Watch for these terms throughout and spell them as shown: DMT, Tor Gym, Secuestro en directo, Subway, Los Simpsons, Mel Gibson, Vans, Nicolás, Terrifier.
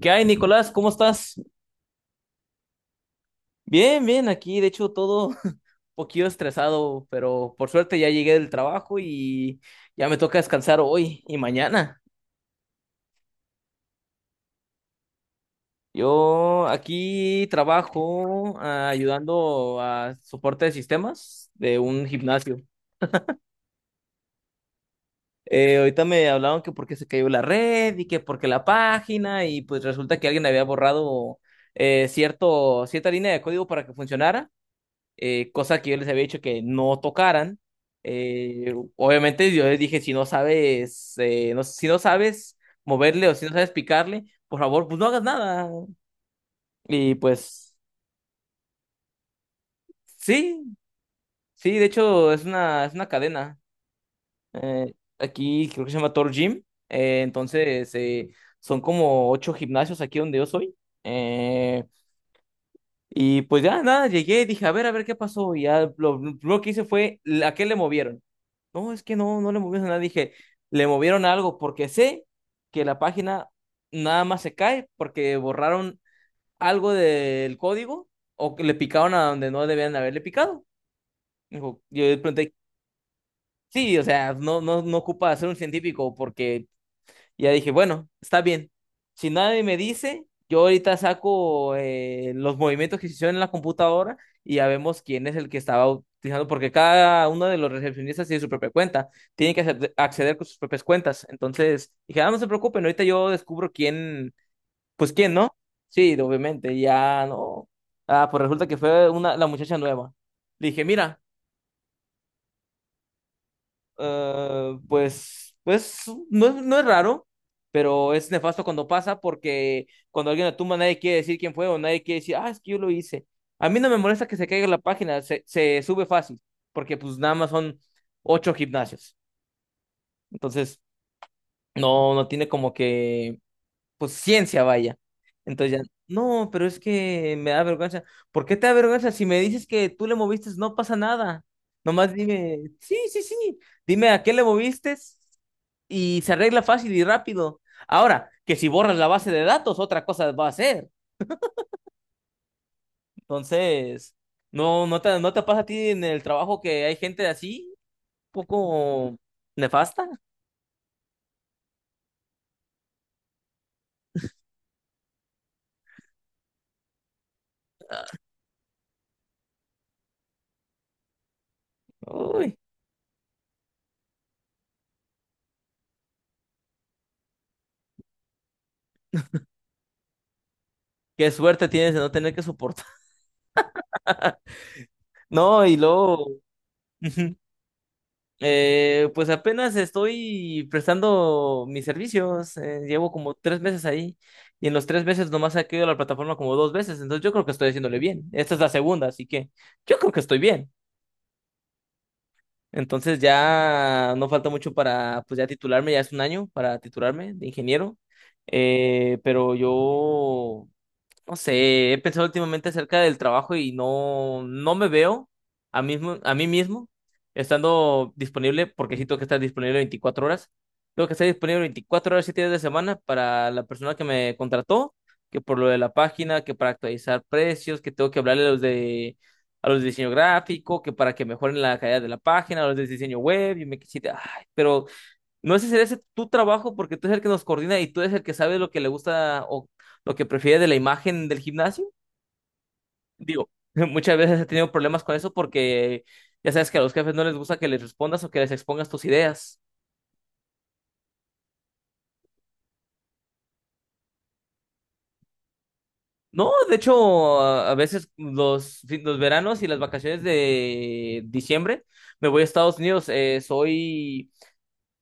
¿Qué hay, Nicolás? ¿Cómo estás? Bien, bien, aquí de hecho todo un poquito estresado, pero por suerte ya llegué del trabajo y ya me toca descansar hoy y mañana. Yo aquí trabajo ayudando a soporte de sistemas de un gimnasio. Ahorita me hablaron que porque se cayó la red y que porque la página y pues resulta que alguien había borrado cierta línea de código para que funcionara, cosa que yo les había dicho que no tocaran. Obviamente yo les dije, si no sabes, si no sabes moverle o si no sabes picarle, por favor, pues no hagas nada. Y pues sí, sí, de hecho es es una cadena. Aquí creo que se llama Tor Gym. Eh, entonces eh, son como 8 gimnasios aquí donde yo soy. eh, Y pues ya nada, llegué y dije, a ver qué pasó. Y ya lo primero que hice fue, ¿a qué le movieron? No, es que no le movieron nada. Dije, le movieron algo porque sé que la página nada más se cae porque borraron algo del código o que le picaron a donde no debían haberle picado. Dijo, yo le pregunté, sí, o sea, no ocupa ser un científico porque, y ya dije, bueno, está bien. Si nadie me dice, yo ahorita saco los movimientos que se hicieron en la computadora y ya vemos quién es el que estaba utilizando, porque cada uno de los recepcionistas tiene su propia cuenta, tiene que acceder con sus propias cuentas. Entonces, dije, ah, no se preocupen, ahorita yo descubro quién, pues quién, ¿no? Sí, obviamente, ya no. Ah, pues resulta que la muchacha nueva. Le dije, mira. Eh, pues, pues no, no es raro, pero es nefasto cuando pasa porque cuando alguien la tumba nadie quiere decir quién fue o nadie quiere decir, ah, es que yo lo hice. A mí no me molesta que se caiga la página, se sube fácil, porque pues nada más son 8 gimnasios. Entonces, no tiene como que pues ciencia, vaya. Entonces ya, no, pero es que me da vergüenza. ¿Por qué te da vergüenza? Si me dices que tú le moviste, no pasa nada. Nomás dime, sí, sí, sí, dime a qué le moviste y se arregla fácil y rápido. Ahora, que si borras la base de datos, otra cosa va a ser. Entonces, no te pasa a ti en el trabajo que hay gente así, poco nefasta. Uy, qué suerte tienes de no tener que soportar. No, y luego. Pues apenas estoy prestando mis servicios. Llevo como 3 meses ahí y en los 3 meses nomás he caído a la plataforma como 2 veces. Entonces yo creo que estoy haciéndole bien. Esta es la segunda, así que yo creo que estoy bien. Entonces ya no falta mucho para, pues ya titularme, ya es 1 año para titularme de ingeniero. Pero yo no sé, he pensado últimamente acerca del trabajo y no, no me veo a mí mismo estando disponible, porque sí tengo que estar disponible 24 horas. Tengo que estar disponible 24 horas, 7 días de semana para la persona que me contrató, que por lo de la página, que para actualizar precios, que tengo que hablarle a a los de diseño gráfico, que para que mejoren la calidad de la página, a los de diseño web, y me quisiera, ay, pero no sé si es tu trabajo porque tú eres el que nos coordina y tú eres el que sabe lo que le gusta o lo que prefiere de la imagen del gimnasio. Digo, muchas veces he tenido problemas con eso porque ya sabes que a los jefes no les gusta que les respondas o que les expongas tus ideas. No, de hecho, a veces los veranos y las vacaciones de diciembre me voy a Estados Unidos.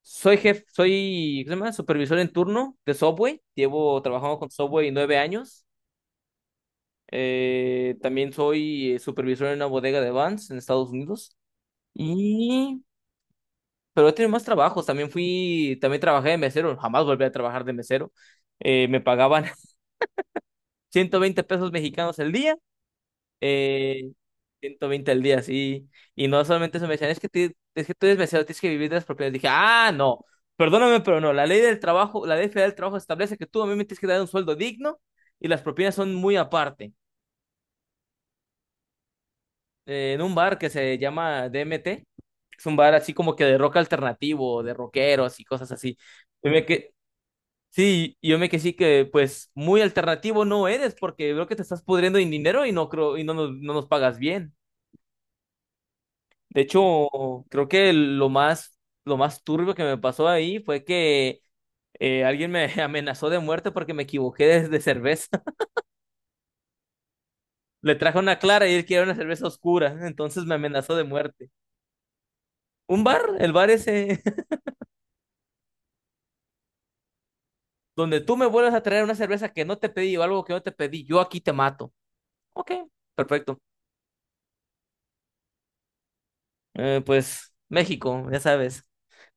Soy jefe, soy, ¿cómo se llama? Supervisor en turno de Subway. Llevo trabajando con Subway 9 años. También soy supervisor en una bodega de Vans en Estados Unidos. Y... Pero he tenido más trabajos. También fui, también trabajé de mesero. Jamás volví a trabajar de mesero. Me pagaban 120 pesos mexicanos el día. Eh, 120 al día, sí. Y no solamente eso, me decían, es que tú eres mesero, tienes que vivir de las propiedades. Dije, ah, no, perdóname, pero no. La ley del trabajo, la ley federal del trabajo establece que tú a mí me tienes que dar un sueldo digno y las propinas son muy aparte. En un bar que se llama DMT. Es un bar así como que de rock alternativo, de rockeros y cosas así. Yo me que... Sí, y yo me que sí que pues muy alternativo no eres porque veo que te estás pudriendo en dinero y no creo y no nos pagas bien. De hecho, creo que lo más turbio que me pasó ahí fue que alguien me amenazó de muerte porque me equivoqué de cerveza. Le traje una clara y él quería una cerveza oscura, entonces me amenazó de muerte. Un bar, el bar ese donde tú me vuelvas a traer una cerveza que no te pedí o algo que no te pedí, yo aquí te mato. Ok, perfecto. Pues México, ya sabes.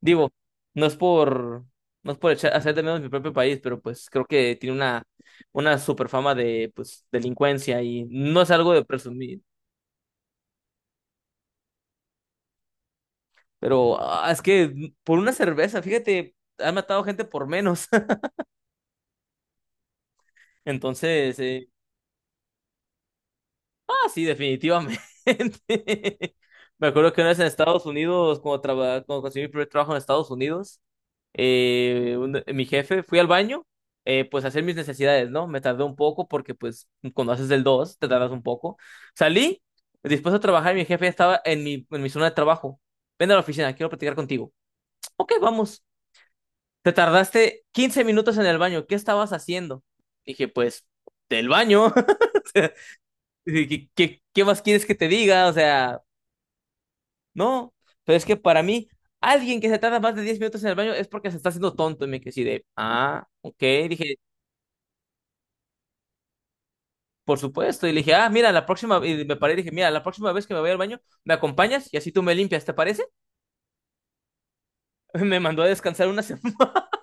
Digo, no es por, no es por hacer de menos mi propio país, pero pues creo que tiene una super fama de pues, delincuencia y no es algo de presumir. Pero ah, es que por una cerveza, fíjate, han matado gente por menos. Entonces, Ah, sí, definitivamente. Me acuerdo que una vez en Estados Unidos, cuando conseguí mi primer trabajo en Estados Unidos, mi jefe, fui al baño, pues a hacer mis necesidades, ¿no? Me tardé un poco porque pues cuando haces el 2 te tardas un poco. Salí, dispuesto a trabajar y mi jefe ya estaba en mi zona de trabajo. Ven a la oficina, quiero platicar contigo. Ok, vamos. Te tardaste 15 minutos en el baño, ¿qué estabas haciendo? Dije, pues, del baño. Sí, ¿qué, qué más quieres que te diga? O sea, no, pero es que para mí, alguien que se tarda más de 10 minutos en el baño es porque se está haciendo tonto. Y me quedé así de, ah, ok, dije, por supuesto. Y le dije, ah, mira, la próxima, y me paré y dije, mira, la próxima vez que me vaya al baño, me acompañas y así tú me limpias, ¿te parece? Me mandó a descansar una semana.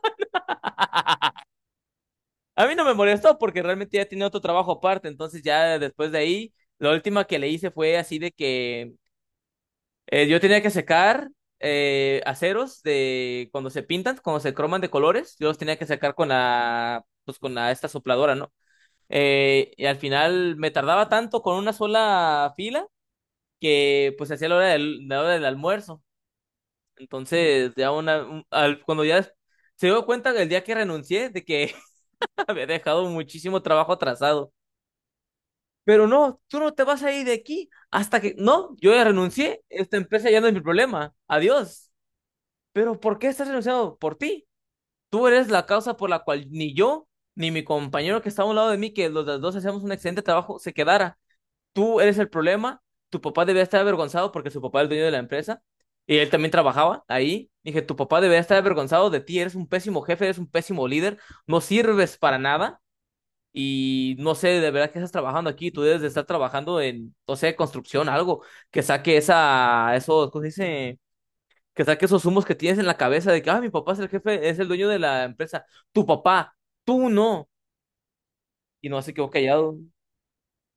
A mí no me molestó porque realmente ya tenía otro trabajo aparte, entonces ya después de ahí, la última que le hice fue así de que yo tenía que secar aceros de cuando se pintan, cuando se croman de colores, yo los tenía que secar con la, pues con la, esta sopladora, ¿no? Y al final me tardaba tanto con una sola fila que pues hacía la hora del almuerzo. Entonces, ya cuando ya se dio cuenta el día que renuncié de que había dejado muchísimo trabajo atrasado. Pero no, tú no te vas a ir de aquí hasta que, no, yo ya renuncié, esta empresa ya no es mi problema. Adiós. Pero ¿por qué estás renunciando? Por ti. Tú eres la causa por la cual ni yo, ni mi compañero que está a un lado de mí, que los dos hacíamos un excelente trabajo, se quedara. Tú eres el problema. Tu papá debía estar avergonzado porque su papá es el dueño de la empresa y él también trabajaba ahí. Dije, tu papá debería estar avergonzado de ti. Eres un pésimo jefe, eres un pésimo líder. No sirves para nada. Y no sé de verdad que estás trabajando aquí, tú debes de estar trabajando en, no sé, construcción, algo que saque esa, eso, ¿cómo se dice? Que saque esos humos que tienes en la cabeza de que, ah, mi papá es el jefe, es el dueño de la empresa, tu papá, tú no, y no se quedó callado.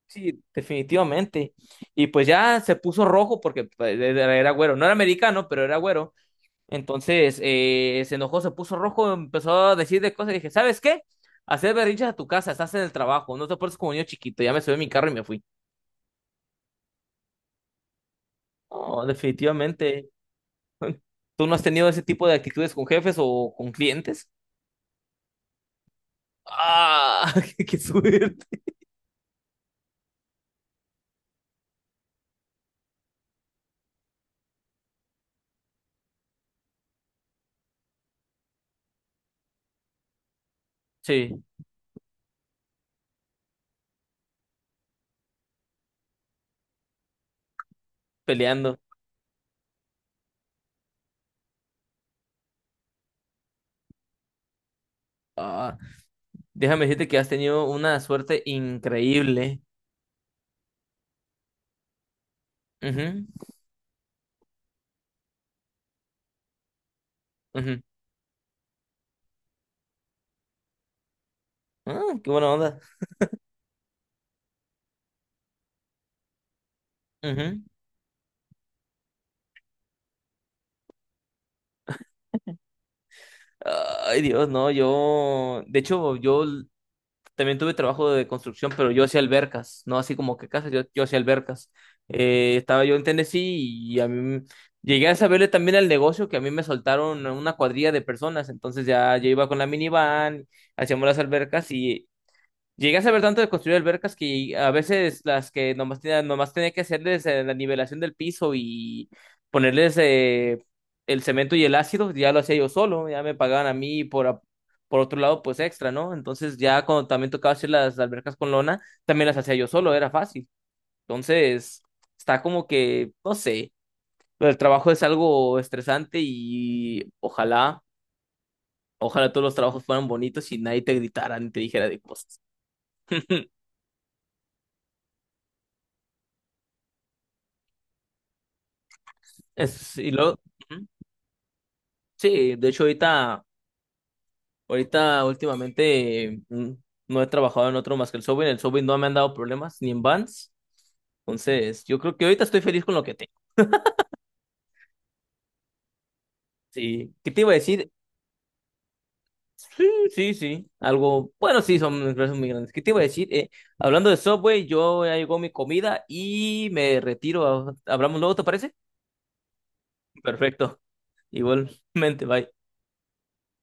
Sí, definitivamente. Y pues ya se puso rojo porque pues, era güero, no era americano, pero era güero. Entonces se enojó, se puso rojo, empezó a decir de cosas y dije, ¿sabes qué? Hacer berrinches a tu casa, estás en el trabajo, no te portes como niño chiquito, ya me subí a mi carro y me fui. Oh, definitivamente. ¿Tú no has tenido ese tipo de actitudes con jefes o con clientes? Ah, qué suerte. Sí, peleando. Ah, déjame decirte que has tenido una suerte increíble. Ujú, ujú. Ah, qué buena onda. Ujú. Ay, Dios, no, yo. De hecho, también tuve trabajo de construcción, pero yo hacía albercas, no así como que casas, yo hacía albercas. Estaba yo en Tennessee y llegué a saberle también al negocio que a mí me soltaron una cuadrilla de personas, entonces ya yo iba con la minivan, hacíamos las albercas, y llegué a saber tanto de construir albercas que a veces las que nomás tenía que hacerles la nivelación del piso y ponerles el cemento y el ácido, ya lo hacía yo solo, ya me pagaban a mí por otro lado, pues extra, ¿no? Entonces ya cuando también tocaba hacer las albercas con lona, también las hacía yo solo, era fácil. Entonces, está como que, no sé, el trabajo es algo estresante y ojalá, ojalá todos los trabajos fueran bonitos y nadie te gritara ni te dijera de cosas. Y luego... Sí, de hecho ahorita últimamente no he trabajado en otro más que el Subway. En el Subway no me han dado problemas, ni en Vans. Entonces, yo creo que ahorita estoy feliz con lo que tengo. Sí, ¿qué te iba a decir? Sí, sí, sí. Algo, bueno, sí, son empresas muy grandes. ¿Qué te iba a decir? Hablando de Subway, yo ya llegó mi comida y me retiro. Hablamos luego, ¿te parece? Perfecto. Igualmente, bye.